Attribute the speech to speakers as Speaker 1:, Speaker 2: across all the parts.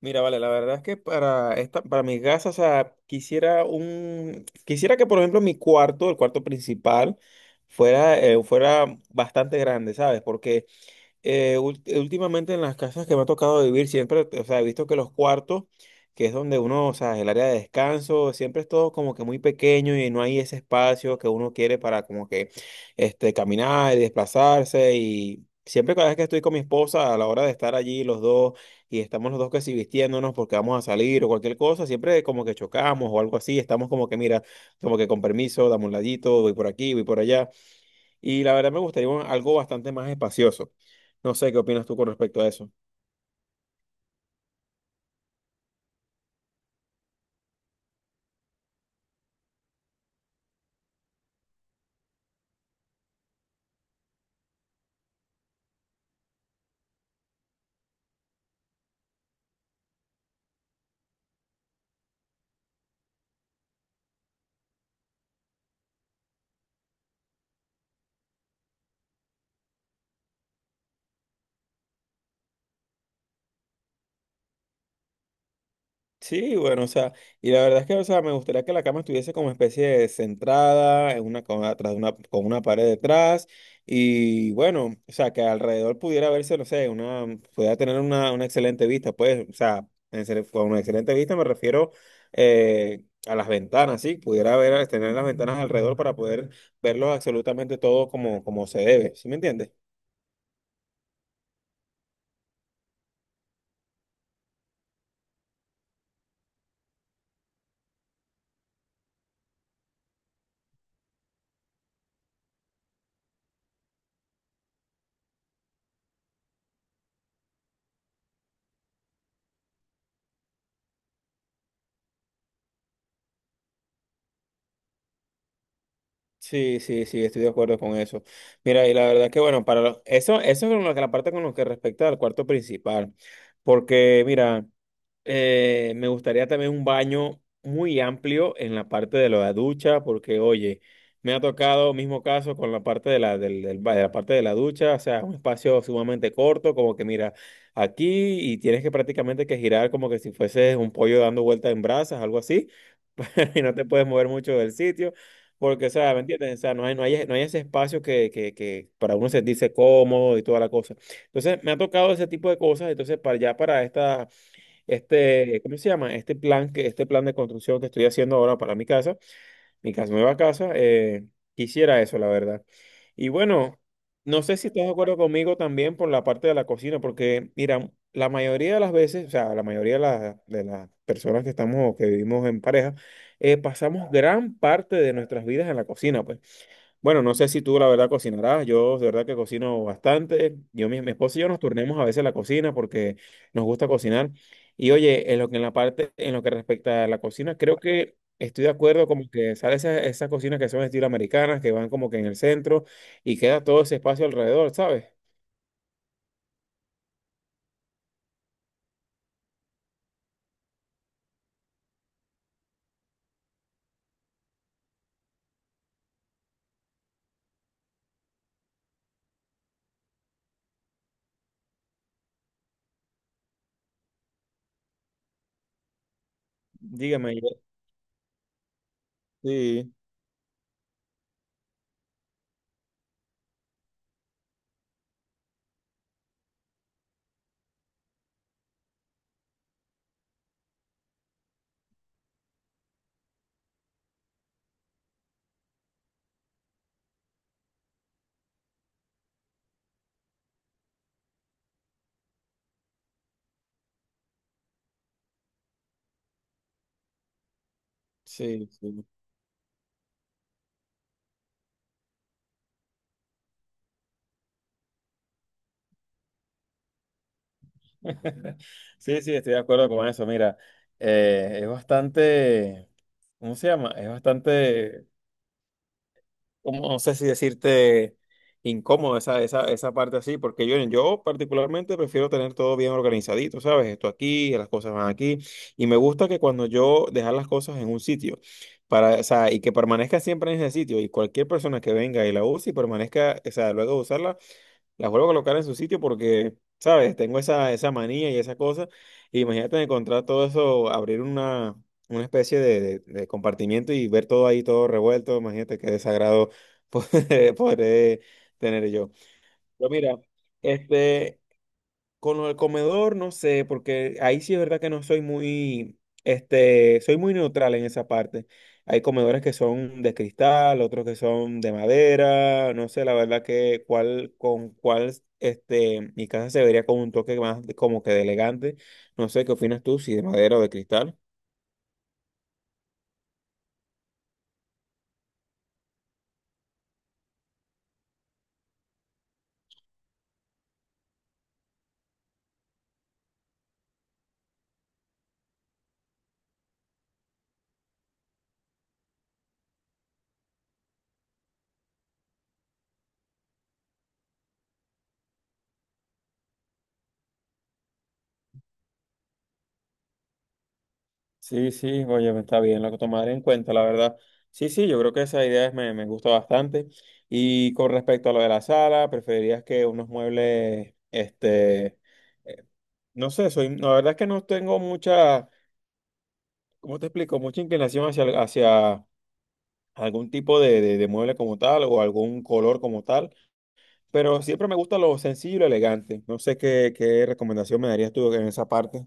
Speaker 1: Mira, vale, la verdad es que para esta, para mis gastos, o sea, quisiera quisiera que, por ejemplo, mi cuarto, el cuarto principal, fuera, fuera bastante grande, ¿sabes? Porque últimamente en las casas que me ha tocado vivir, siempre, o sea, he visto que los cuartos, que es donde uno, o sea, el área de descanso, siempre es todo como que muy pequeño y no hay ese espacio que uno quiere para como que caminar y desplazarse. Y siempre cada vez que estoy con mi esposa, a la hora de estar allí los dos y estamos los dos que si vistiéndonos porque vamos a salir o cualquier cosa, siempre como que chocamos o algo así, estamos como que, mira, como que con permiso, dame un ladito, voy por aquí, voy por allá. Y la verdad me gustaría algo bastante más espacioso. No sé qué opinas tú con respecto a eso. Sí, bueno, o sea, y la verdad es que, o sea, me gustaría que la cama estuviese como especie de centrada, atrás de una, con una pared detrás, y bueno, o sea, que alrededor pudiera verse, no sé, pudiera tener una excelente vista, pues, o sea, en serio, con una excelente vista me refiero a las ventanas, sí, pudiera ver, tener las ventanas alrededor para poder verlo absolutamente todo como, como se debe, ¿sí me entiendes? Sí, sí, sí, estoy de acuerdo con eso. Mira, y la verdad que bueno, para eso, eso es con lo que la parte con lo que respecta al cuarto principal, porque mira, me gustaría también un baño muy amplio en la parte de la ducha, porque oye, me ha tocado mismo caso con la parte de de la parte de la ducha, o sea, un espacio sumamente corto, como que mira, aquí y tienes que prácticamente que girar como que si fueses un pollo dando vueltas en brasas, algo así. Y no te puedes mover mucho del sitio, porque, o sea, ¿me entiendes? O sea, no hay ese espacio que para uno sentirse cómodo y toda la cosa. Entonces, me ha tocado ese tipo de cosas, entonces, para esta, este, ¿cómo se llama? Este plan de construcción que estoy haciendo ahora para mi casa nueva casa, quisiera eso, la verdad. Y bueno, no sé si estás de acuerdo conmigo también por la parte de la cocina, porque mira, la mayoría de las veces, o sea, la mayoría de, la- de las personas que estamos o que vivimos en pareja, pasamos gran parte de nuestras vidas en la cocina, pues. Bueno, no sé si tú la verdad cocinarás, yo de verdad que cocino bastante, mi esposa y yo nos turnemos a veces la cocina porque nos gusta cocinar. Y oye, en la parte, en lo que respecta a la cocina, creo que estoy de acuerdo como que sale esas cocinas que son estilo americanas, que van como que en el centro y queda todo ese espacio alrededor, ¿sabes? Dígame. Sí, sí, sí. Sí, sí, estoy de acuerdo con eso. Mira, es bastante, ¿cómo se llama? Es bastante, como, no sé si decirte incómodo esa parte así, porque yo particularmente prefiero tener todo bien organizadito, ¿sabes? Esto aquí, las cosas van aquí, y me gusta que cuando yo dejar las cosas en un sitio, para, o sea, y que permanezca siempre en ese sitio, y cualquier persona que venga y la use y permanezca, o sea, luego de usarla las vuelvo a colocar en su sitio porque, ¿sabes? Tengo esa manía y esa cosa. Y imagínate encontrar todo eso, una especie de compartimiento y ver todo ahí, todo revuelto. Imagínate qué desagrado poder tener yo. Pero mira, este, con lo del comedor, no sé, porque ahí sí es verdad que no soy muy, este, soy muy neutral en esa parte. Hay comedores que son de cristal, otros que son de madera, no sé, la verdad que cuál, con cuál, este, mi casa se vería con un toque más como que de elegante. No sé, ¿qué opinas tú, si de madera o de cristal? Sí, sí, oye, está bien, lo que tomaré en cuenta, la verdad. Sí, sí, yo creo que esa idea me gusta bastante. Y con respecto a lo de la sala, preferirías que unos muebles, este, eh, no sé, soy, la verdad es que no tengo mucha, ¿cómo te explico? Mucha inclinación hacia algún tipo de mueble como tal o algún color como tal, pero siempre me gusta lo sencillo y lo elegante. No sé qué, qué recomendación me darías tú en esa parte.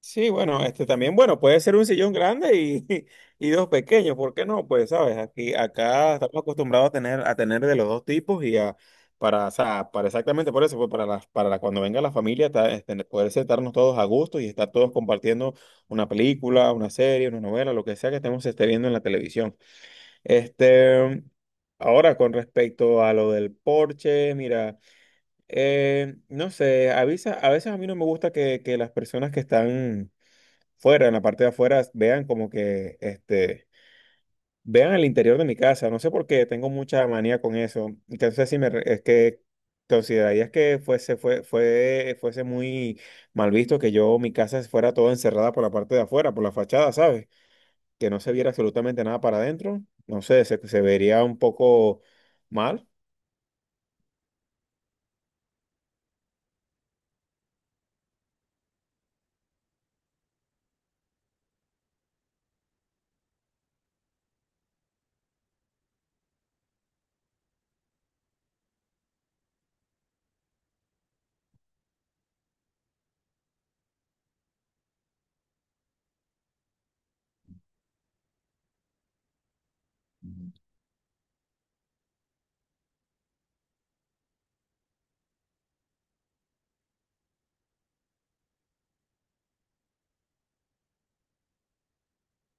Speaker 1: Sí, bueno, este también, bueno, puede ser un sillón grande y, y dos pequeños, ¿por qué no? Pues, sabes, aquí, acá estamos acostumbrados a tener de los dos tipos y a, para, o sea, para exactamente por eso, pues para cuando venga la familia, este, poder sentarnos todos a gusto y estar todos compartiendo una película, una serie, una novela, lo que sea que estemos esté viendo en la televisión. Este, ahora, con respecto a lo del porche, mira, no sé, avisa, a veces a mí no me gusta que las personas que están fuera, en la parte de afuera, vean como que, este, vean el interior de mi casa. No sé por qué, tengo mucha manía con eso. Entonces, si me, es que considerarías que fuese muy mal visto que yo, mi casa fuera toda encerrada por la parte de afuera, por la fachada, ¿sabes? Que no se viera absolutamente nada para adentro. No sé, se vería un poco mal.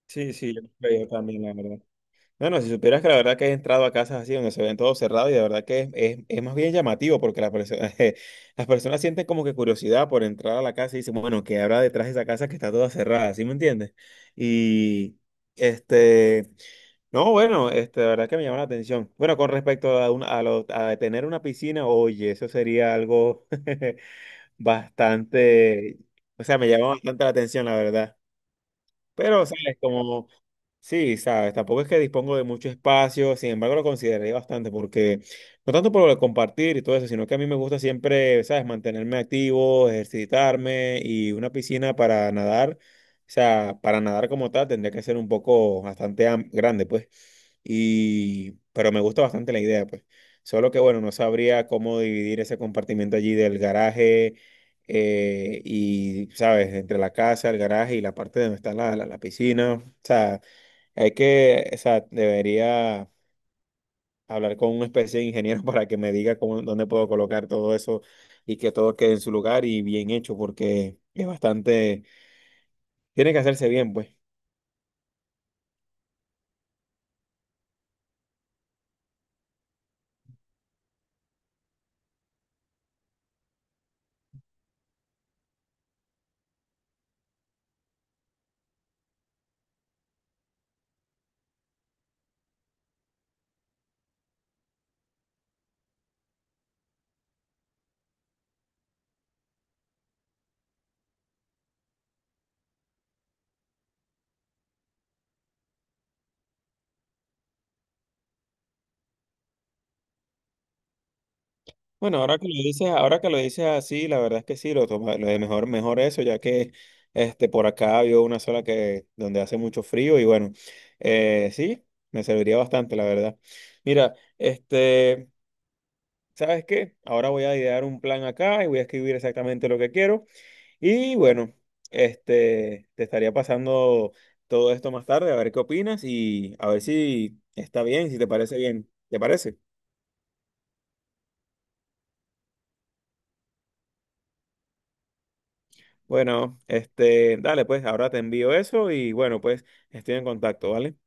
Speaker 1: Sí, sí, yo creo que yo también, la verdad. No, no, si supieras que la verdad que he entrado a casas así donde se ven todo cerrado y de verdad que es, es más bien llamativo porque las personas, las personas sienten como que curiosidad por entrar a la casa y dicen, bueno, ¿qué habrá detrás de esa casa que está toda cerrada? ¿Sí me entiendes? Y este, no, bueno, este, la verdad que me llama la atención. Bueno, con respecto a, a tener una piscina, oye, eso sería algo bastante, o sea, me llama bastante la atención, la verdad. Pero, ¿sabes? Como, sí, ¿sabes? Tampoco es que dispongo de mucho espacio, sin embargo lo consideré bastante, porque no tanto por lo de compartir y todo eso, sino que a mí me gusta siempre, ¿sabes? Mantenerme activo, ejercitarme y una piscina para nadar, o sea, para nadar como tal tendría que ser un poco bastante grande, pues. Y, pero me gusta bastante la idea, pues. Solo que, bueno, no sabría cómo dividir ese compartimiento allí del garaje y, ¿sabes? Entre la casa, el garaje y la parte donde está la piscina. O sea, hay que, o sea, debería hablar con una especie de ingeniero para que me diga cómo, dónde puedo colocar todo eso y que todo quede en su lugar y bien hecho, porque es bastante, tiene que hacerse bien, pues. Bueno, ahora que lo dices, ahora que lo dices así, la verdad es que sí, lo de mejor, mejor eso, ya que este por acá había una sola que donde hace mucho frío y bueno, sí, me serviría bastante, la verdad. Mira, este, ¿sabes qué? Ahora voy a idear un plan acá y voy a escribir exactamente lo que quiero y bueno, este, te estaría pasando todo esto más tarde a ver qué opinas y a ver si está bien, si te parece bien. ¿Te parece? Bueno, este, dale, pues ahora te envío eso y bueno, pues estoy en contacto, ¿vale?